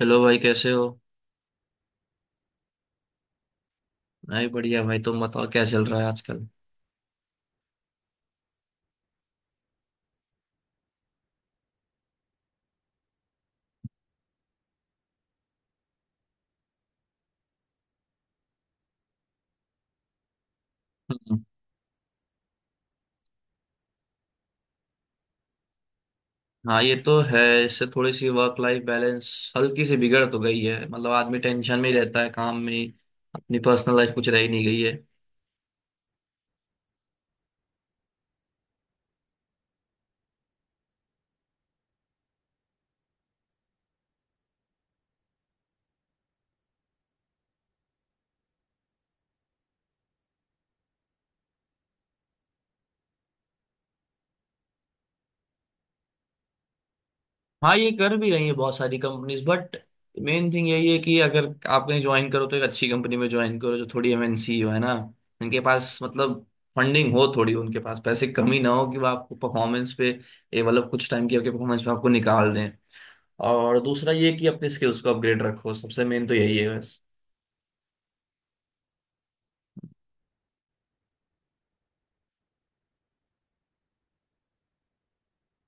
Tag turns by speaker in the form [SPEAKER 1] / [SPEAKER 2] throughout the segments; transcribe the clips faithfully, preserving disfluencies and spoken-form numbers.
[SPEAKER 1] Hello भाई, कैसे हो? नहीं, बढ़िया भाई। तुम बताओ, क्या चल रहा है आजकल? हम्म। हाँ, ये तो है। इससे थोड़ी सी वर्क लाइफ बैलेंस हल्की सी बिगड़ तो गई है। मतलब आदमी टेंशन में ही रहता है, काम में ही। अपनी पर्सनल लाइफ कुछ रह ही नहीं गई है। हाँ, ये कर भी रही है बहुत सारी कंपनीज, बट मेन थिंग यही है कि अगर आप कहीं ज्वाइन करो तो एक अच्छी कंपनी में ज्वाइन करो, जो थोड़ी एम एन सी हो, है ना। इनके पास मतलब फंडिंग हो थोड़ी, उनके पास पैसे कमी ना हो कि वो आपको परफॉर्मेंस पे ये मतलब कुछ टाइम की आपके परफॉर्मेंस पे आपको निकाल दें। और दूसरा ये कि अपनी स्किल्स को अपग्रेड रखो। सबसे मेन तो यही है बस।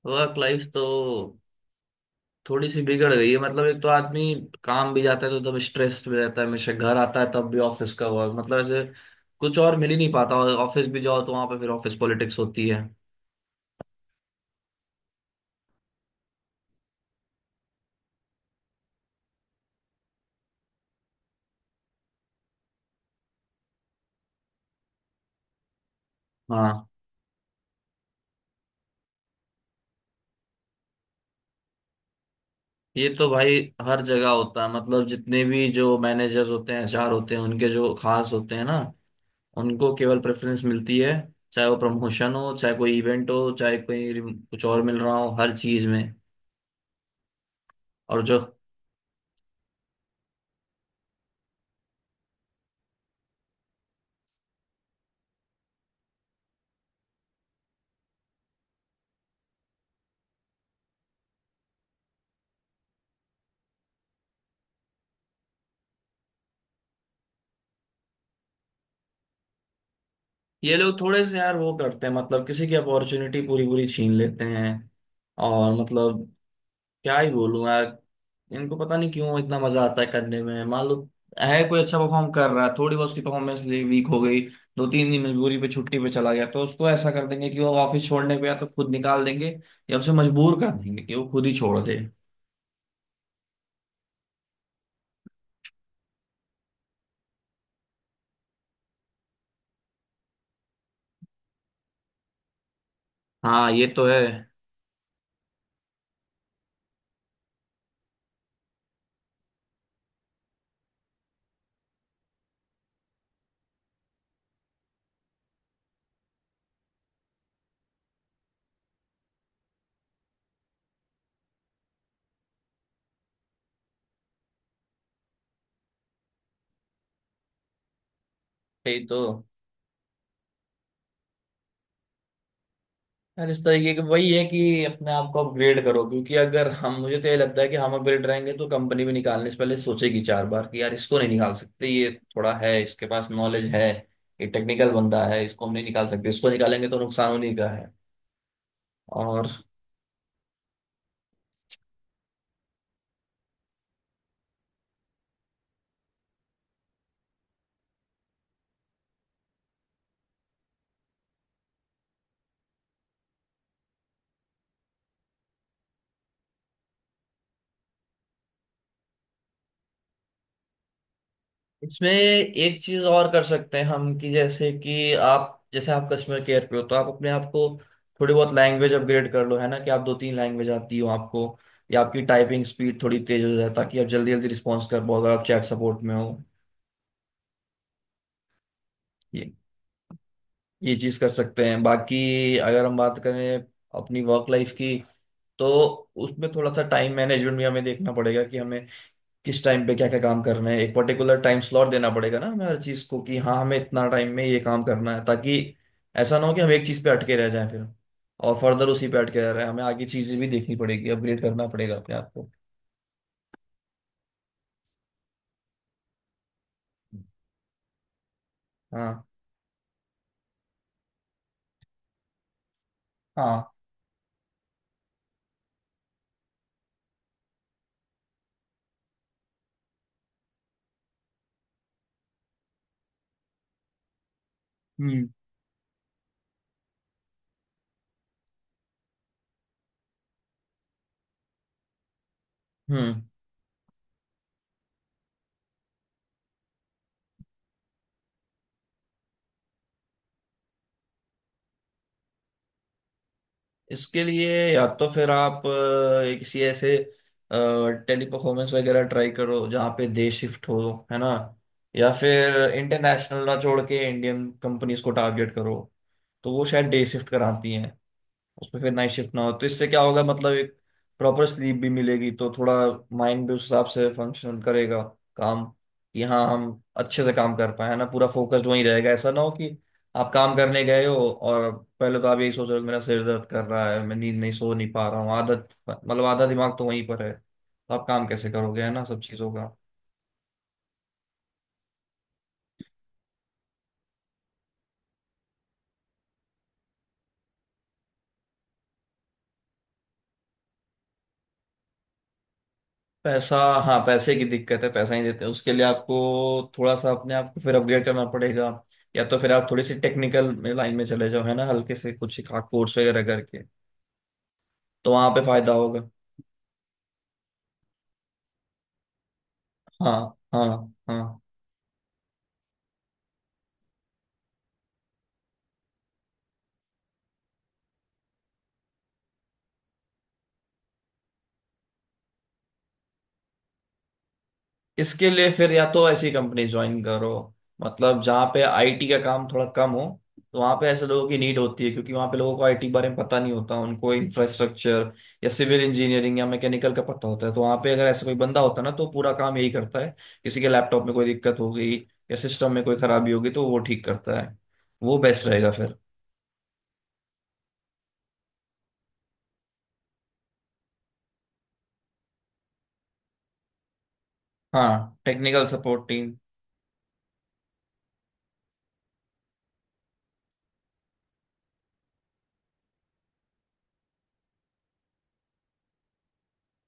[SPEAKER 1] वर्क लाइफ तो थोड़ी सी बिगड़ गई है। मतलब एक तो आदमी काम भी जाता है तो एकदम स्ट्रेस्ड में रहता है हमेशा, घर आता है तब भी ऑफिस का वर्क, मतलब ऐसे कुछ और मिल ही नहीं पाता। और ऑफिस भी जाओ तो वहां पे फिर ऑफिस पॉलिटिक्स होती है। हाँ, ये तो भाई हर जगह होता है। मतलब जितने भी जो मैनेजर्स होते हैं, एच आर होते हैं, उनके जो खास होते हैं ना, उनको केवल प्रेफरेंस मिलती है। चाहे वो प्रमोशन हो, चाहे कोई इवेंट हो, चाहे कोई कुछ और मिल रहा हो, हर चीज में। और जो ये लोग थोड़े से यार वो करते हैं, मतलब किसी की अपॉर्चुनिटी पूरी पूरी छीन लेते हैं। और मतलब क्या ही बोलूं यार। इनको पता नहीं क्यों इतना मजा आता है करने में। मान लो है कोई अच्छा परफॉर्म कर रहा है, थोड़ी बहुत उसकी परफॉर्मेंस वीक हो गई, दो तीन दिन मजबूरी पे छुट्टी पे चला गया, तो उसको ऐसा कर देंगे कि वो ऑफिस छोड़ने पे या तो खुद निकाल देंगे या उसे मजबूर कर देंगे कि वो खुद ही छोड़ दे। हाँ, ये तो है। यही तो। यार, इस तरीके के वही है कि अपने आप को अपग्रेड करो। क्योंकि अगर हम मुझे तो ये लगता है कि हम अपग्रेड रहेंगे तो कंपनी भी निकालने से पहले सोचेगी चार बार कि यार, इसको नहीं निकाल सकते, ये थोड़ा है, इसके पास नॉलेज है, ये टेक्निकल बंदा है, इसको हम नहीं निकाल सकते। इसको निकालेंगे तो नुकसान उन्हीं का है। और इसमें एक चीज और कर सकते हैं हम, कि जैसे कि आप जैसे आप कस्टमर केयर पे हो तो आप अपने आप को थोड़ी बहुत लैंग्वेज अपग्रेड कर लो, है ना। कि आप दो तीन लैंग्वेज आती हो आपको, या आपकी टाइपिंग स्पीड थोड़ी तेज हो जाए ताकि आप जल्दी जल्दी रिस्पॉन्स कर पाओ अगर आप चैट सपोर्ट में हो। ये ये चीज कर सकते हैं। बाकी अगर हम बात करें अपनी वर्क लाइफ की, तो उसमें थोड़ा सा टाइम मैनेजमेंट भी हमें देखना पड़ेगा, कि हमें किस टाइम पे क्या क्या काम करना है। एक पर्टिकुलर टाइम स्लॉट देना पड़ेगा ना हमें हर चीज को, कि हाँ हमें इतना टाइम में ये काम करना है, ताकि ऐसा ना हो कि हम एक चीज पे अटके रह जाएं फिर। और फर्दर उसी पे अटके रह रहे हैं, हमें आगे चीजें भी देखनी पड़ेगी, अपग्रेड करना पड़ेगा अपने आप को। हाँ, हाँ। हम्म, हम्म। इसके लिए या तो फिर आप अ, एक किसी ऐसे टेली परफॉर्मेंस वगैरह ट्राई करो जहाँ पे डे शिफ्ट हो, है ना। या फिर इंटरनेशनल ना छोड़ के इंडियन कंपनीज को टारगेट करो, तो वो शायद डे शिफ्ट कराती हैं। उसमें फिर नाइट शिफ्ट ना हो तो इससे क्या होगा, मतलब एक प्रॉपर स्लीप भी मिलेगी, तो थोड़ा माइंड भी उस हिसाब से फंक्शन करेगा काम। कि हाँ हम अच्छे से काम कर पाए, है ना, पूरा फोकस्ड वहीं रहेगा। ऐसा ना हो कि आप काम करने गए हो, और पहले तो आप यही सोच रहे हो कि मेरा सिर दर्द कर रहा है, मैं नींद नहीं, सो नहीं पा रहा हूँ, आदत, मतलब आधा दिमाग तो वहीं पर है, तो आप काम कैसे करोगे, है ना। सब चीज़ों का। पैसा। हाँ, पैसे की दिक्कत है। पैसा ही देते हैं उसके लिए आपको। थोड़ा सा अपने आप को फिर अपग्रेड करना पड़ेगा, या तो फिर आप थोड़ी सी टेक्निकल लाइन में चले जाओ, है ना, हल्के से कुछ कोर्स वगैरह करके, तो वहां पे फायदा होगा। हाँ, हाँ, हाँ। इसके लिए फिर या तो ऐसी कंपनी ज्वाइन करो, मतलब जहाँ पे आई टी का काम थोड़ा कम हो, तो वहाँ पे ऐसे लोगों की नीड होती है। क्योंकि वहाँ पे लोगों को आई टी के बारे में पता नहीं होता, उनको इंफ्रास्ट्रक्चर या सिविल इंजीनियरिंग या मैकेनिकल का पता होता है। तो वहाँ पे अगर ऐसा कोई बंदा होता ना, तो पूरा काम यही करता है। किसी के लैपटॉप में कोई दिक्कत हो गई या सिस्टम में कोई खराबी होगी तो वो ठीक करता है। वो बेस्ट रहेगा फिर। हाँ, टेक्निकल सपोर्ट टीम।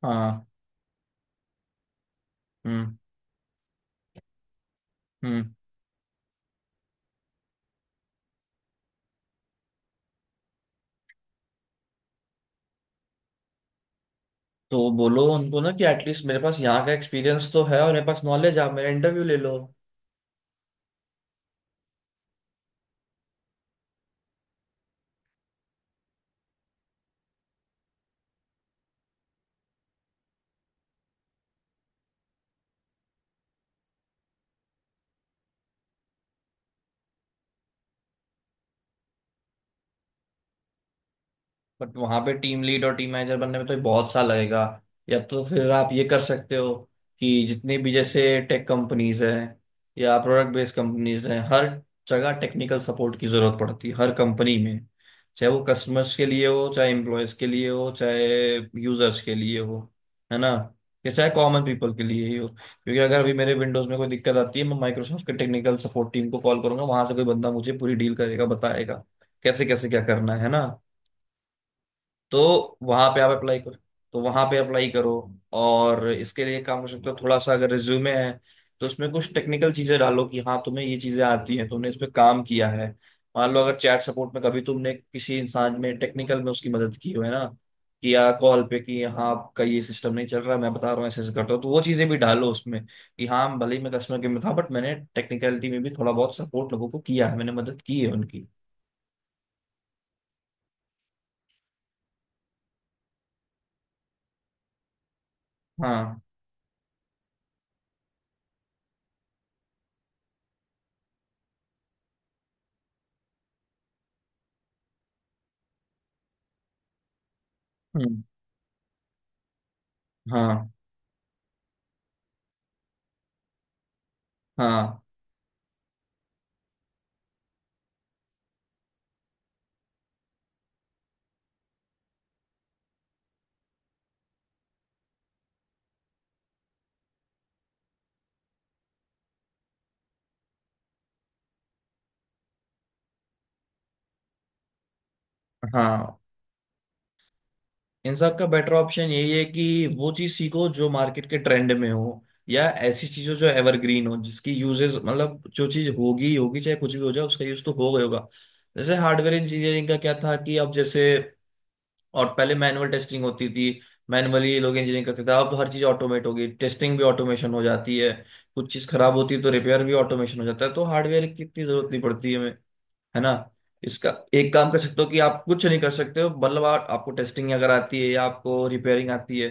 [SPEAKER 1] हाँ। हम्म, हम्म। तो बोलो उनको ना कि एटलीस्ट मेरे पास यहाँ का एक्सपीरियंस तो है, और मेरे पास नॉलेज है, आप मेरा इंटरव्यू ले लो। बट वहां पे टीम लीड और टीम मैनेजर बनने में तो बहुत साल लगेगा। या तो फिर आप ये कर सकते हो कि जितनी भी जैसे टेक कंपनीज हैं या प्रोडक्ट बेस्ड कंपनीज हैं, हर जगह टेक्निकल सपोर्ट की जरूरत पड़ती है, हर कंपनी में। चाहे वो कस्टमर्स के लिए हो, चाहे एम्प्लॉयज के लिए हो, चाहे यूजर्स के लिए हो, है ना, या चाहे कॉमन पीपल के लिए ही हो। क्योंकि अगर अभी मेरे विंडोज में कोई दिक्कत आती है, मैं माइक्रोसॉफ्ट के टेक्निकल सपोर्ट टीम को कॉल करूंगा, वहां से कोई बंदा मुझे पूरी डील करेगा, बताएगा कैसे कैसे क्या करना है है ना। तो वहां पे आप अप्लाई करो। तो वहां पे अप्लाई करो। और इसके लिए काम कर सकते हो। थोड़ा सा अगर रिज्यूमे है, तो उसमें कुछ टेक्निकल चीजें डालो कि हाँ तुम्हें ये चीजें आती हैं, तुमने इस पे काम किया है। मान लो अगर चैट सपोर्ट में कभी तुमने किसी इंसान में टेक्निकल में उसकी मदद की हो, है ना, कि या कॉल पे कि हाँ आपका ये सिस्टम नहीं चल रहा मैं बता रहा हूँ ऐसे ऐसे करता हूँ, तो वो चीजें भी डालो उसमें। कि हाँ भले ही मैं कस्टमर केयर में था बट मैंने टेक्निकलिटी में भी थोड़ा बहुत सपोर्ट लोगों को किया है, मैंने मदद की है उनकी। हाँ। हम्म। हाँ, हाँ, हाँ। इन सब का बेटर ऑप्शन यही है कि वो चीज सीखो जो मार्केट के ट्रेंड में हो, या ऐसी चीजों जो एवरग्रीन हो जिसकी यूजेस, मतलब जो चीज होगी ही होगी, चाहे कुछ भी हो जाए, उसका यूज तो हो गई होगा। जैसे हार्डवेयर इंजीनियरिंग का क्या था कि अब जैसे, और पहले मैनुअल टेस्टिंग होती थी, मैनुअली लोग इंजीनियरिंग करते थे, अब हर चीज ऑटोमेट हो गई। टेस्टिंग भी ऑटोमेशन हो जाती है, कुछ चीज खराब होती है तो रिपेयर भी ऑटोमेशन हो जाता है, तो हार्डवेयर की इतनी जरूरत नहीं पड़ती है हमें। है ना। इसका एक काम कर सकते हो कि आप कुछ नहीं कर सकते हो, मतलब आप, आपको टेस्टिंग अगर आती है या आपको रिपेयरिंग आती है,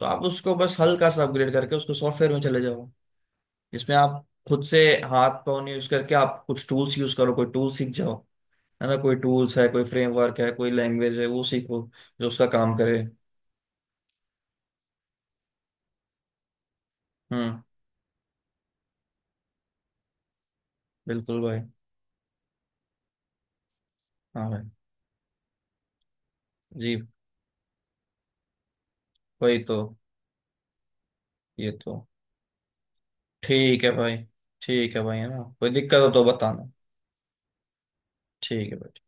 [SPEAKER 1] तो आप उसको बस हल्का सा अपग्रेड करके उसको सॉफ्टवेयर में चले जाओ। इसमें आप खुद से हाथ पाँव नहीं यूज करके आप कुछ टूल्स यूज करो, कोई टूल सीख जाओ, है ना। कोई टूल्स है, कोई फ्रेमवर्क है, कोई लैंग्वेज है, वो सीखो जो उसका काम करे। हम्म। बिल्कुल भाई। हाँ भाई। जी, वही तो। ये तो। ठीक है भाई। ठीक है भाई, है ना। कोई दिक्कत हो तो बताना। ठीक है भाई।